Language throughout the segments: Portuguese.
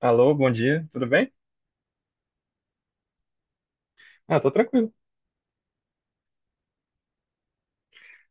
Alô, bom dia, tudo bem? Ah, tô tranquilo.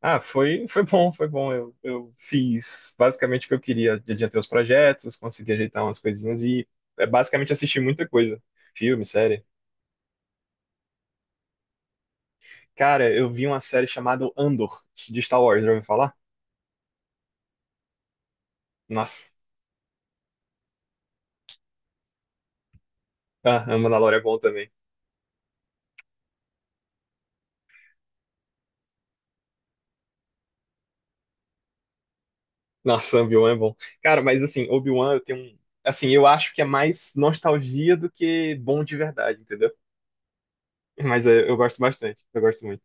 Ah, foi, foi bom, foi bom. Eu fiz basicamente o que eu queria. Adiantei os projetos, consegui ajeitar umas coisinhas e basicamente assisti muita coisa. Filme, série. Cara, eu vi uma série chamada Andor, de Star Wars, já ouviu falar? Nossa. Ah, a Mandalorian é bom também. Nossa, Obi-Wan é bom. Cara, mas assim, Obi-Wan eu tenho um... Assim, eu acho que é mais nostalgia do que bom de verdade, entendeu? Mas é, eu gosto bastante, eu gosto muito.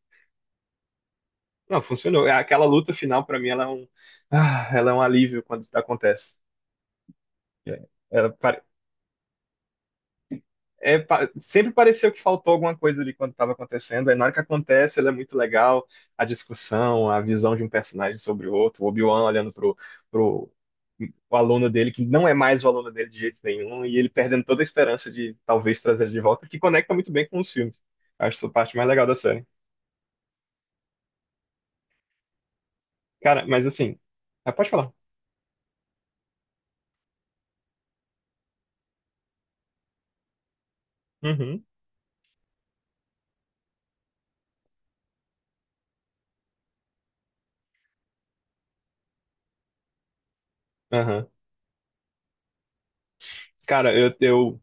Não, funcionou. É, aquela luta final, pra mim, ela é um alívio quando acontece. É, ela pare- é pa- Sempre pareceu que faltou alguma coisa ali quando estava acontecendo. Aí na hora que acontece, ela é muito legal. A discussão, a visão de um personagem sobre o outro, o Obi-Wan olhando pro o aluno dele, que não é mais o aluno dele de jeito nenhum, e ele perdendo toda a esperança de talvez trazer ele de volta, que conecta muito bem com os filmes. Acho essa parte mais legal da série. Cara, mas assim. Ah, pode falar. Uhum. Aham. Cara, eu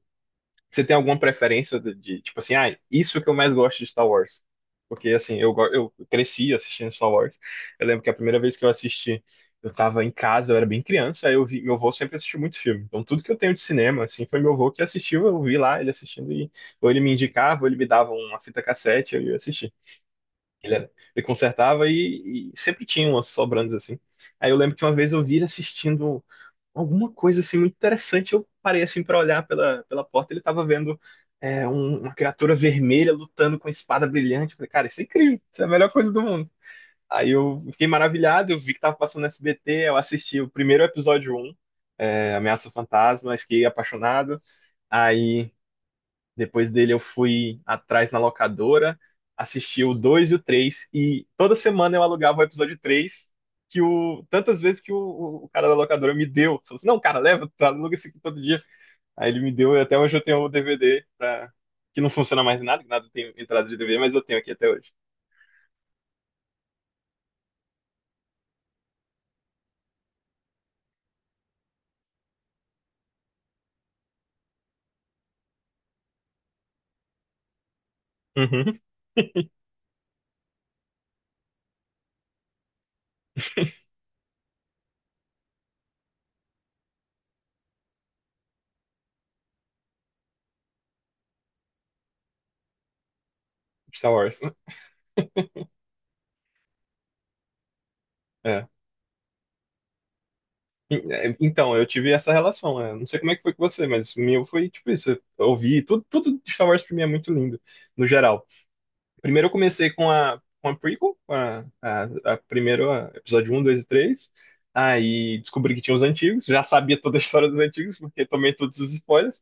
Você tem alguma preferência de tipo assim, ah, isso que eu mais gosto de Star Wars? Porque assim, eu cresci assistindo Star Wars. Eu lembro que a primeira vez que eu assisti, eu tava em casa, eu era bem criança, aí eu vi, meu avô sempre assistiu muito filme. Então tudo que eu tenho de cinema, assim, foi meu avô que assistiu, eu vi lá ele assistindo e ou ele me indicava, ou ele me dava uma fita cassete, eu ia assistir. Ele consertava e sempre tinha umas sobrantes assim. Aí eu lembro que uma vez eu vi ele assistindo alguma coisa assim muito interessante. Eu parei assim para olhar pela porta, ele tava vendo uma criatura vermelha lutando com espada brilhante. Eu falei, cara, isso é incrível, isso é a melhor coisa do mundo. Aí eu fiquei maravilhado, eu vi que tava passando no SBT, eu assisti o primeiro episódio Ameaça Fantasma, fiquei apaixonado. Aí depois dele eu fui atrás na locadora, assisti o 2 e o 3 e toda semana eu alugava o episódio 3 que o tantas vezes que o cara da locadora me deu. Falou assim, não, cara, leva, tu aluga esse aqui todo dia. Aí ele me deu e até hoje eu tenho o DVD pra, que não funciona mais nada, que nada tem entrada de DVD, mas eu tenho aqui até hoje. Uhum. Star Wars, né? É. Então, eu tive essa relação, né? Não sei como é que foi com você, mas o meu foi tipo isso. Eu ouvi tudo, tudo de Star Wars pra mim é muito lindo, no geral. Primeiro eu comecei com a prequel, com a primeiro episódio um, 2 e três. Aí descobri que tinha os antigos, já sabia toda a história dos antigos, porque tomei todos os spoilers.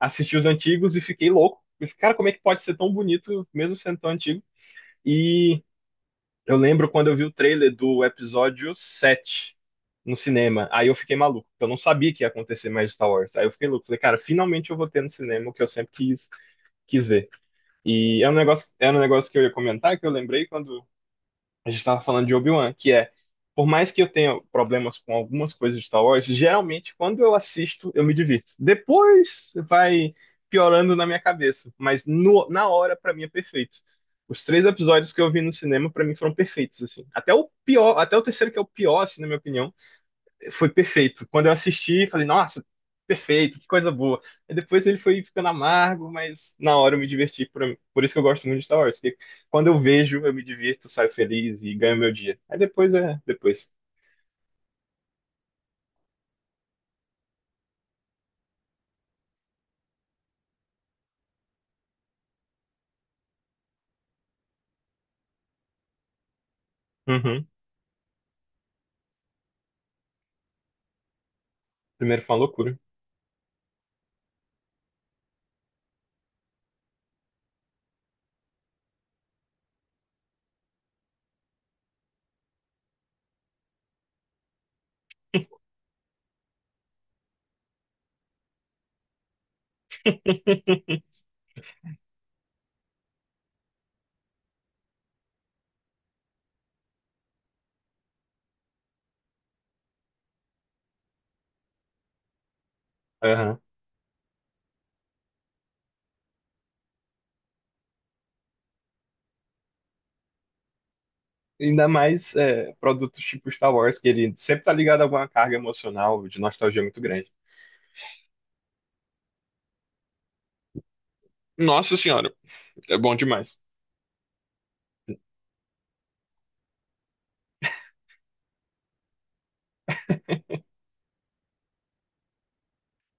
Assisti os antigos e fiquei louco. Eu fiquei, cara, como é que pode ser tão bonito, mesmo sendo tão antigo? E eu lembro quando eu vi o trailer do episódio 7 no cinema. Aí eu fiquei maluco, porque eu não sabia que ia acontecer mais Star Wars. Aí eu fiquei louco, falei, cara, finalmente eu vou ter no cinema o que eu sempre quis ver. E é um negócio, era um negócio que eu ia comentar, que eu lembrei quando a gente estava falando de Obi-Wan, que é, por mais que eu tenha problemas com algumas coisas de Star Wars, geralmente quando eu assisto eu me divirto. Depois vai piorando na minha cabeça, mas na hora pra mim é perfeito. Os três episódios que eu vi no cinema pra mim foram perfeitos assim. Até o pior, até o terceiro que é o pior, assim, na minha opinião, foi perfeito. Quando eu assisti, falei, nossa, perfeito, que coisa boa. Aí depois ele foi ficando amargo, mas na hora eu me diverti. Por isso que eu gosto muito de Star Wars, porque quando eu vejo, eu me divirto, saio feliz e ganho meu dia. Aí depois depois. Uhum. Primeiro foi uma loucura. Aham. Ainda mais produtos tipo Star Wars, que ele sempre tá ligado a alguma carga emocional de nostalgia muito grande. Nossa senhora, é bom demais.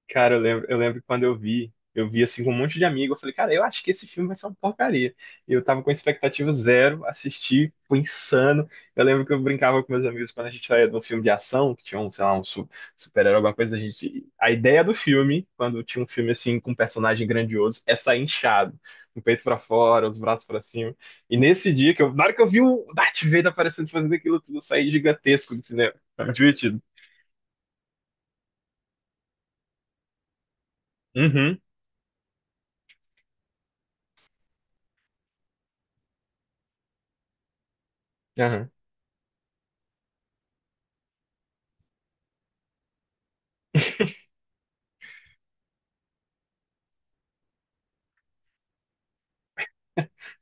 Cara, eu lembro quando eu vi assim com um monte de amigo, eu falei, cara, eu acho que esse filme vai ser uma porcaria. E eu tava com expectativa zero, assisti, foi insano. Eu lembro que eu brincava com meus amigos quando a gente saía de um filme de ação, que tinha um, sei lá, super-herói, alguma coisa, a gente. A ideia do filme, quando tinha um filme assim com um personagem grandioso, é sair inchado, com o peito pra fora, os braços pra cima. E nesse dia que eu, na hora que eu vi o Darth Vader aparecendo fazendo aquilo tudo, eu saí gigantesco do cinema. Foi muito divertido. Uhum.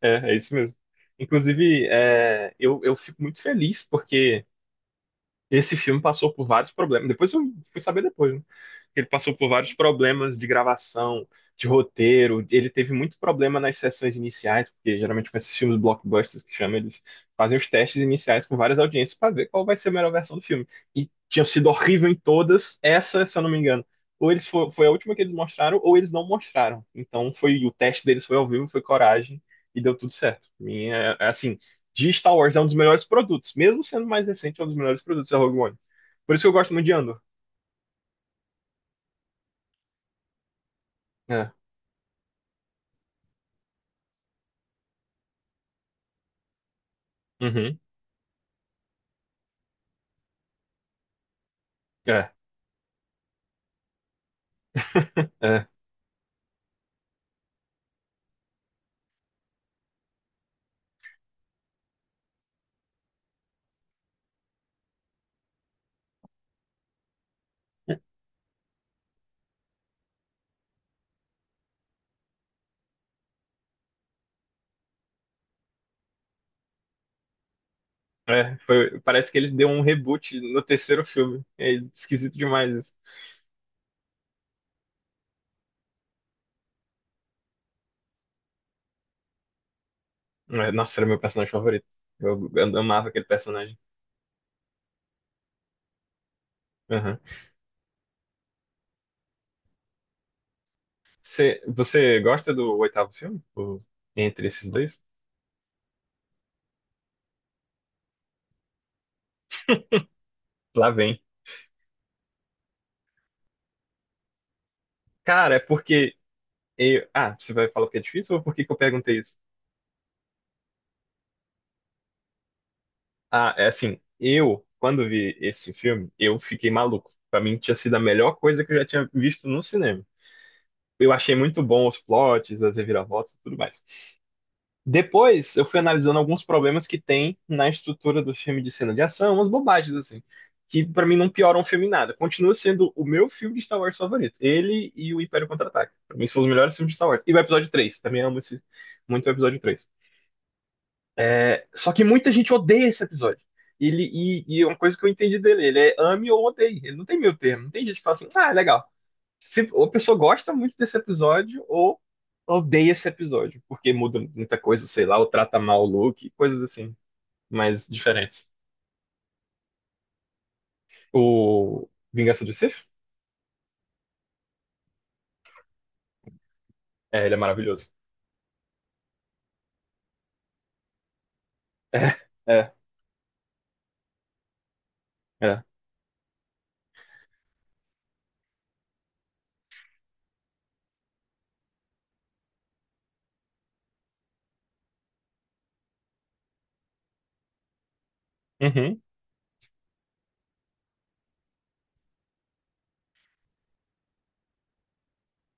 É, é isso mesmo. Inclusive, eu fico muito feliz porque esse filme passou por vários problemas. Depois eu fui saber depois, né? Ele passou por vários problemas de gravação, de roteiro. Ele teve muito problema nas sessões iniciais, porque geralmente com esses filmes blockbusters que chamam, eles fazem os testes iniciais com várias audiências para ver qual vai ser a melhor versão do filme. E tinham sido horrível em todas, essa, se eu não me engano. Ou foi a última que eles mostraram, ou eles não mostraram. Então foi o teste deles foi ao vivo, foi coragem e deu tudo certo. É assim, de Star Wars é um dos melhores produtos, mesmo sendo mais recente, é um dos melhores produtos da Rogue One. Por isso que eu gosto muito de Andor. É. Uhum. É. É, foi- parece que ele deu um reboot no terceiro filme. É esquisito demais isso. É, nossa, era meu personagem favorito. Eu amava aquele personagem. Aham. Você gosta do oitavo filme? Entre esses dois? Lá vem. Cara, é porque. Eu, ah, você vai falar porque é difícil ou por que que eu perguntei isso? Ah, é assim. Eu, quando vi esse filme, eu fiquei maluco. Pra mim, tinha sido a melhor coisa que eu já tinha visto no cinema. Eu achei muito bom os plots, as reviravoltas e tudo mais. Depois eu fui analisando alguns problemas que tem na estrutura do filme de cena de ação, umas bobagens assim, que pra mim não pioram o filme em nada. Continua sendo o meu filme de Star Wars favorito. Ele e o Império Contra-Ataque. Pra mim são os melhores filmes de Star Wars. E o episódio 3 também amo muito o episódio 3. É, só que muita gente odeia esse episódio. Ele, e Uma coisa que eu entendi dele, ele é ame ou odeie. Ele não tem meio termo. Não tem gente que fala assim, ah, é legal se, ou a pessoa gosta muito desse episódio, ou odeia esse episódio, porque muda muita coisa, sei lá, ou trata mal o Luke, coisas assim, mais diferentes. O Vingança do Sith? É, ele é maravilhoso. É, é, é. Uhum,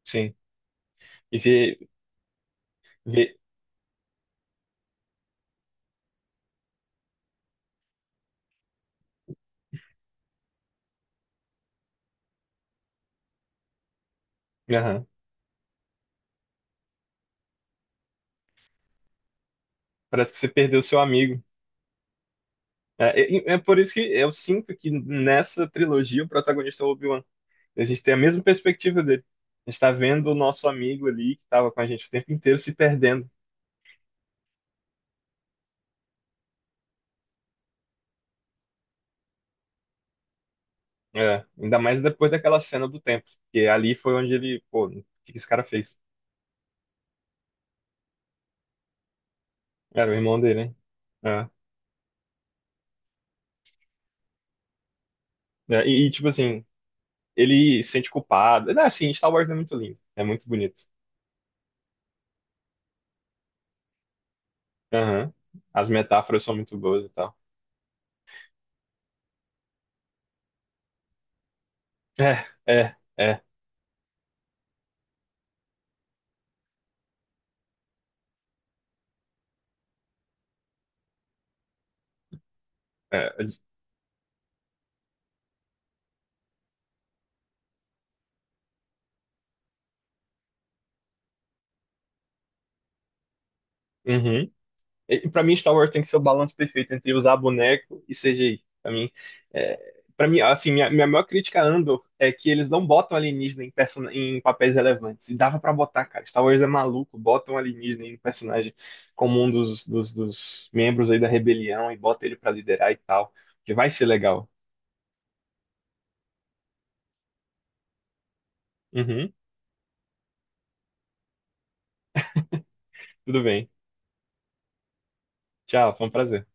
sim. E vê, vê, aham. Parece que você perdeu seu amigo. É, é por isso que eu sinto que nessa trilogia o protagonista é o Obi-Wan. A gente tem a mesma perspectiva dele. A gente tá vendo o nosso amigo ali, que tava com a gente o tempo inteiro, se perdendo. É, ainda mais depois daquela cena do templo porque ali foi onde ele, pô, o que que esse cara fez? Era o irmão dele, né? Tipo assim, ele se sente culpado. Não, assim, Star Wars é muito lindo, é muito bonito. Aham. As metáforas são muito boas e tal. É, é, é, é. é, Uhum. E pra mim, Star Wars tem que ser o balanço perfeito entre usar boneco e CGI. Pra mim assim, minha maior crítica a Andor é que eles não botam alienígena em, person... em papéis relevantes. E dava pra botar, cara. Star Wars é maluco, botam alienígena em um personagem como um dos membros aí da rebelião e bota ele pra liderar e tal. Que vai ser legal. Uhum, tudo bem. Tchau, foi um prazer.